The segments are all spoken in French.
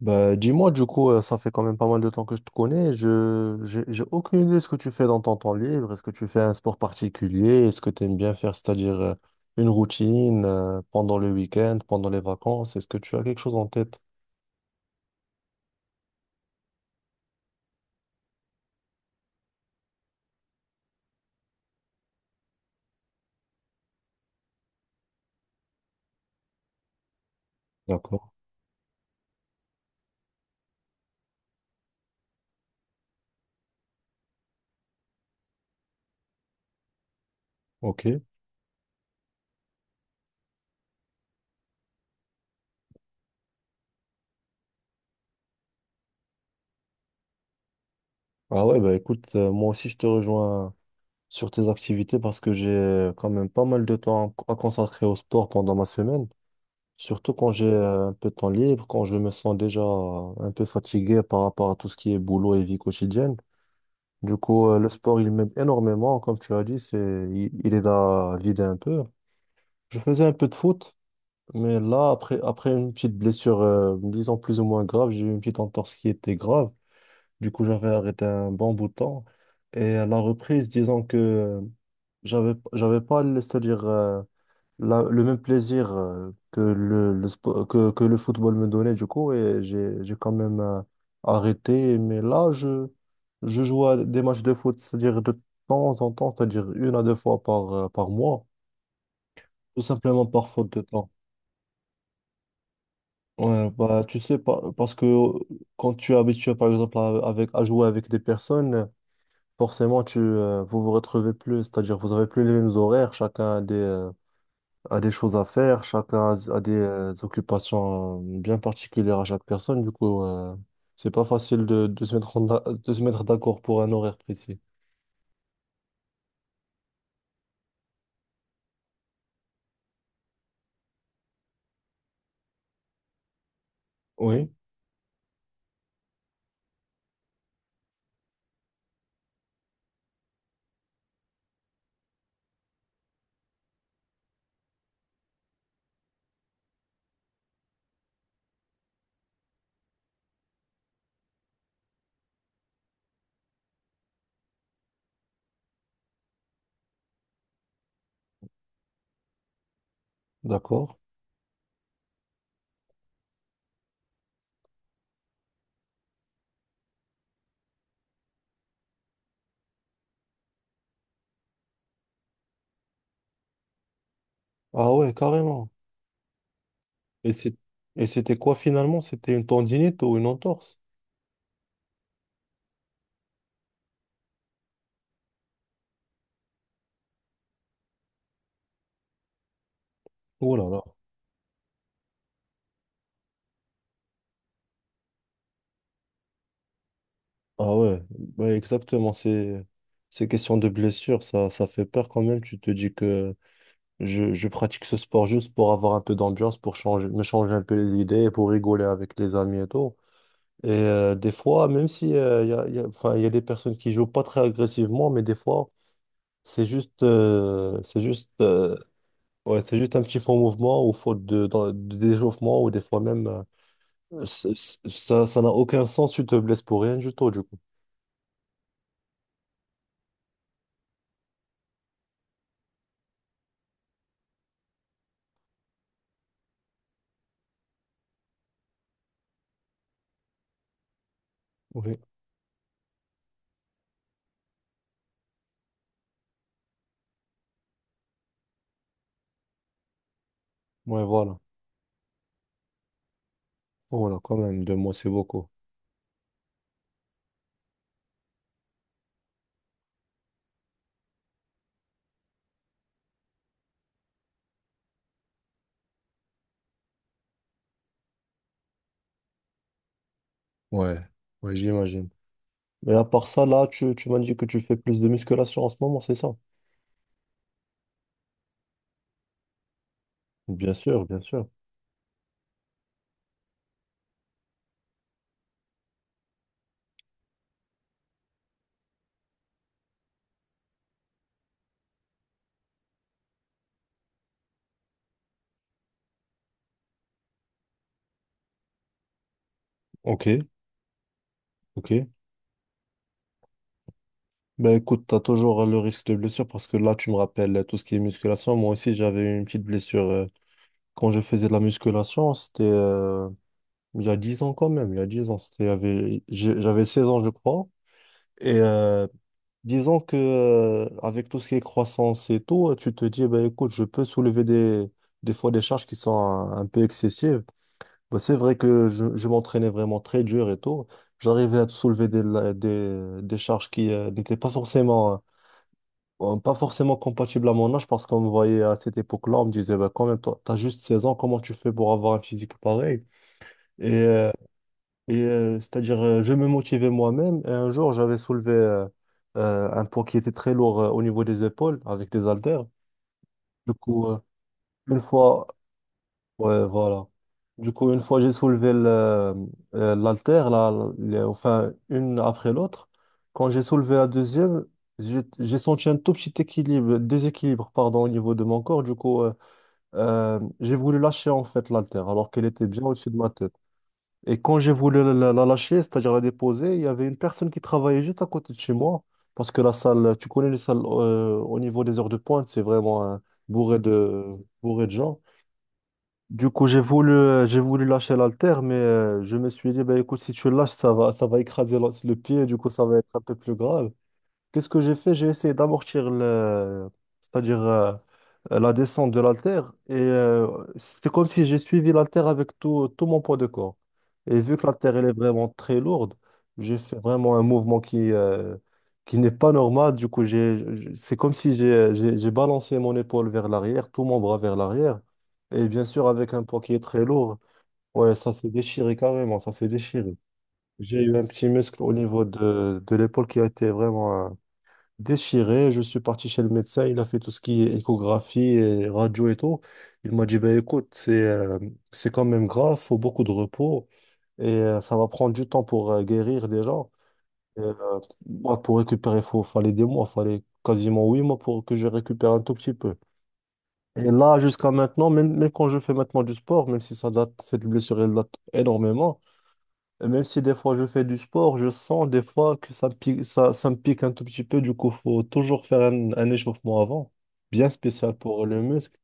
Bah, dis-moi, du coup, ça fait quand même pas mal de temps que je te connais. J'ai aucune idée de ce que tu fais dans ton temps libre. Est-ce que tu fais un sport particulier? Est-ce que tu aimes bien faire, c'est-à-dire une routine pendant le week-end, pendant les vacances? Est-ce que tu as quelque chose en tête? D'accord, ok. Ah ouais, bah écoute, moi aussi, je te rejoins sur tes activités parce que j'ai quand même pas mal de temps à consacrer au sport pendant ma semaine. Surtout quand j'ai un peu de temps libre, quand je me sens déjà un peu fatigué par rapport à tout ce qui est boulot et vie quotidienne. Du coup, le sport, il m'aide énormément. Comme tu as dit, c'est, il aide à vider un peu. Je faisais un peu de foot, mais là, après une petite blessure, disons plus ou moins grave, j'ai eu une petite entorse qui était grave. Du coup, j'avais arrêté un bon bout de temps. Et à la reprise, disons que j'avais pas, laissé dire le même plaisir que que le football me donnait du coup, et j'ai quand même arrêté. Mais là, je joue à des matchs de foot, c'est-à-dire de temps en temps, c'est-à-dire une à deux fois par par mois, tout simplement par faute de temps. Ouais, bah tu sais pas parce que quand tu es habitué par exemple à, avec à jouer avec des personnes, forcément tu vous vous retrouvez plus, c'est-à-dire vous avez plus les mêmes horaires. Chacun a des choses à faire, chacun a des occupations bien particulières à chaque personne. Du coup, c'est pas facile de se mettre de se mettre d'accord pour un horaire précis. Oui, d'accord. Ah ouais, carrément. Et c'est- et c'était quoi finalement? C'était une tendinite ou une entorse? Oh là là. Ah ouais, ouais, exactement. C'est ces questions de blessure, ça fait peur quand même. Tu te dis que je pratique ce sport juste pour avoir un peu d'ambiance, pour changer, me changer un peu les idées, pour rigoler avec les amis et tout. Et des fois, même si enfin, y a des personnes qui jouent pas très agressivement, mais des fois, c'est juste, euh, c'est juste, euh, ouais, c'est juste un petit faux mouvement ou faute de, de d'échauffement, ou des fois même, ça, ça n'a aucun sens, tu te blesses pour rien du tout, du coup. Oui. Ouais, voilà. Voilà, quand même, deux mois, c'est beaucoup. Ouais, ouais, j'imagine. Mais à part ça, là, tu m'as dit que tu fais plus de musculation en ce moment, c'est ça? Bien sûr, bien sûr. Ok, ok. Ben écoute, t'as toujours le risque de blessure parce que là, tu me rappelles tout ce qui est musculation. Moi aussi, j'avais une petite blessure quand je faisais de la musculation. C'était il y a 10 ans quand même. Il y a 10 ans, c'était, il y avait- j'ai- j'avais seize ans, je crois. Et disons que avec tout ce qui est croissance et tout, tu te dis, ben écoute, je peux soulever des fois des charges qui sont un peu excessives. Ben, c'est vrai que je m'entraînais vraiment très dur et tout. J'arrivais à soulever des charges qui n'étaient pas forcément. Bon, pas forcément compatible à mon âge, parce qu'on me voyait à cette époque-là, on me disait, bah, quand même, toi, t'as juste 16 ans, comment tu fais pour avoir un physique pareil? Et, euh, je me motivais moi-même. Et un jour, j'avais soulevé un poids qui était très lourd au niveau des épaules avec des haltères. Du coup, une fois, Ouais, voilà. Du coup, une fois j'ai soulevé l'haltère, là, enfin, une après l'autre, quand j'ai soulevé la deuxième, j'ai senti un tout petit équilibre, déséquilibre, pardon, au niveau de mon corps. Du coup, j'ai voulu lâcher en fait l'haltère, alors qu'elle était bien au-dessus de ma tête. Et quand j'ai voulu la lâcher, c'est-à-dire la déposer, il y avait une personne qui travaillait juste à côté de chez moi, parce que la salle, tu connais les salles au niveau des heures de pointe, c'est vraiment bourré de, bourré de gens. Du coup, j'ai voulu lâcher l'haltère, mais je me suis dit, bah, écoute, si tu lâches, ça va écraser le pied, du coup, ça va être un peu plus grave. Qu'est-ce que j'ai fait? J'ai essayé d'amortir le, c'est-à-dire la descente de l'haltère, et c'était comme si j'ai suivi l'haltère avec tout mon poids de corps. Et vu que l'haltère elle est vraiment très lourde, j'ai fait vraiment un mouvement qui n'est pas normal. Du coup, c'est comme si j'ai balancé mon épaule vers l'arrière, tout mon bras vers l'arrière, et bien sûr avec un poids qui est très lourd. Ouais, ça s'est déchiré carrément, ça s'est déchiré. J'ai eu un petit muscle au niveau de l'épaule qui a été vraiment déchiré. Je suis parti chez le médecin. Il a fait tout ce qui est échographie et radio et tout. Il m'a dit, ben écoute, c'est quand même grave, faut beaucoup de repos et ça va prendre du temps pour guérir déjà. Et, euh, Moi, pour récupérer, fallait des mois, fallait quasiment huit mois pour que je récupère un tout petit peu. Et là, jusqu'à maintenant, même quand je fais maintenant du sport, même si ça date, cette blessure, elle date énormément. Même si des fois je fais du sport, je sens des fois que ça me pique, ça me pique un tout petit peu. Du coup, faut toujours faire un échauffement avant, bien spécial pour le muscle.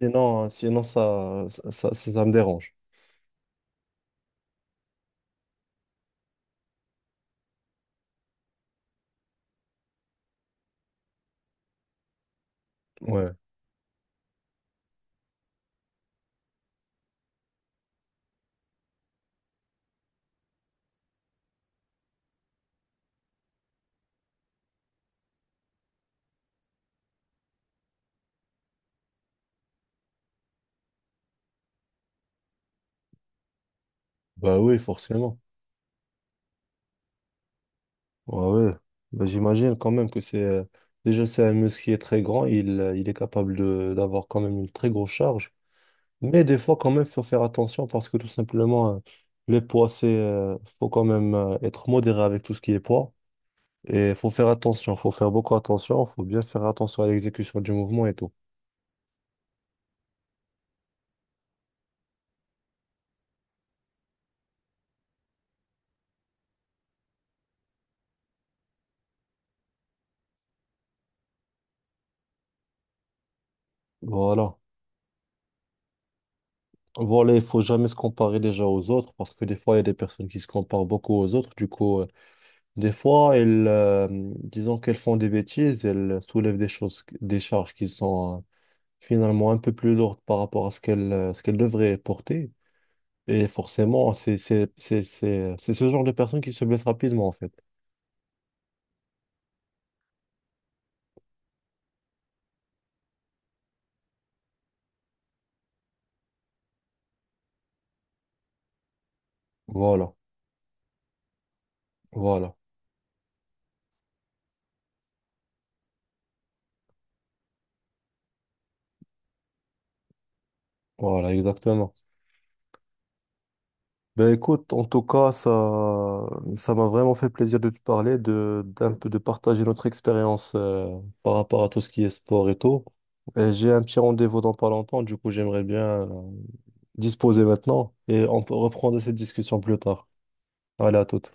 Sinon, sinon ça me dérange. Ouais. Bah oui, forcément. Ouais, ouais. Bah, j'imagine quand même que c'est. Déjà, c'est un muscle qui est très grand. Il est capable de, d'avoir quand même une très grosse charge. Mais des fois, quand même, faut faire attention parce que tout simplement, les poids, c'est. Faut quand même être modéré avec tout ce qui est poids. Et faut faire attention, faut faire beaucoup attention, faut bien faire attention à l'exécution du mouvement et tout. Voilà. Voilà, il faut jamais se comparer déjà aux autres, parce que des fois, il y a des personnes qui se comparent beaucoup aux autres. Du coup, des fois, elles, euh, disons qu'elles font des bêtises, elles soulèvent des choses, des charges qui sont finalement un peu plus lourdes par rapport à ce qu'elles devraient porter. Et forcément, c'est ce genre de personne qui se blesse rapidement, en fait. Voilà, voilà, voilà, exactement. Ben écoute, en tout cas, ça m'a vraiment fait plaisir de te parler, de, d'un peu de partager notre expérience par rapport à tout ce qui est sport et tout. Et j'ai un petit rendez-vous dans pas longtemps, du coup, j'aimerais bien euh, disposer maintenant, et on peut reprendre cette discussion plus tard. Allez, à toute.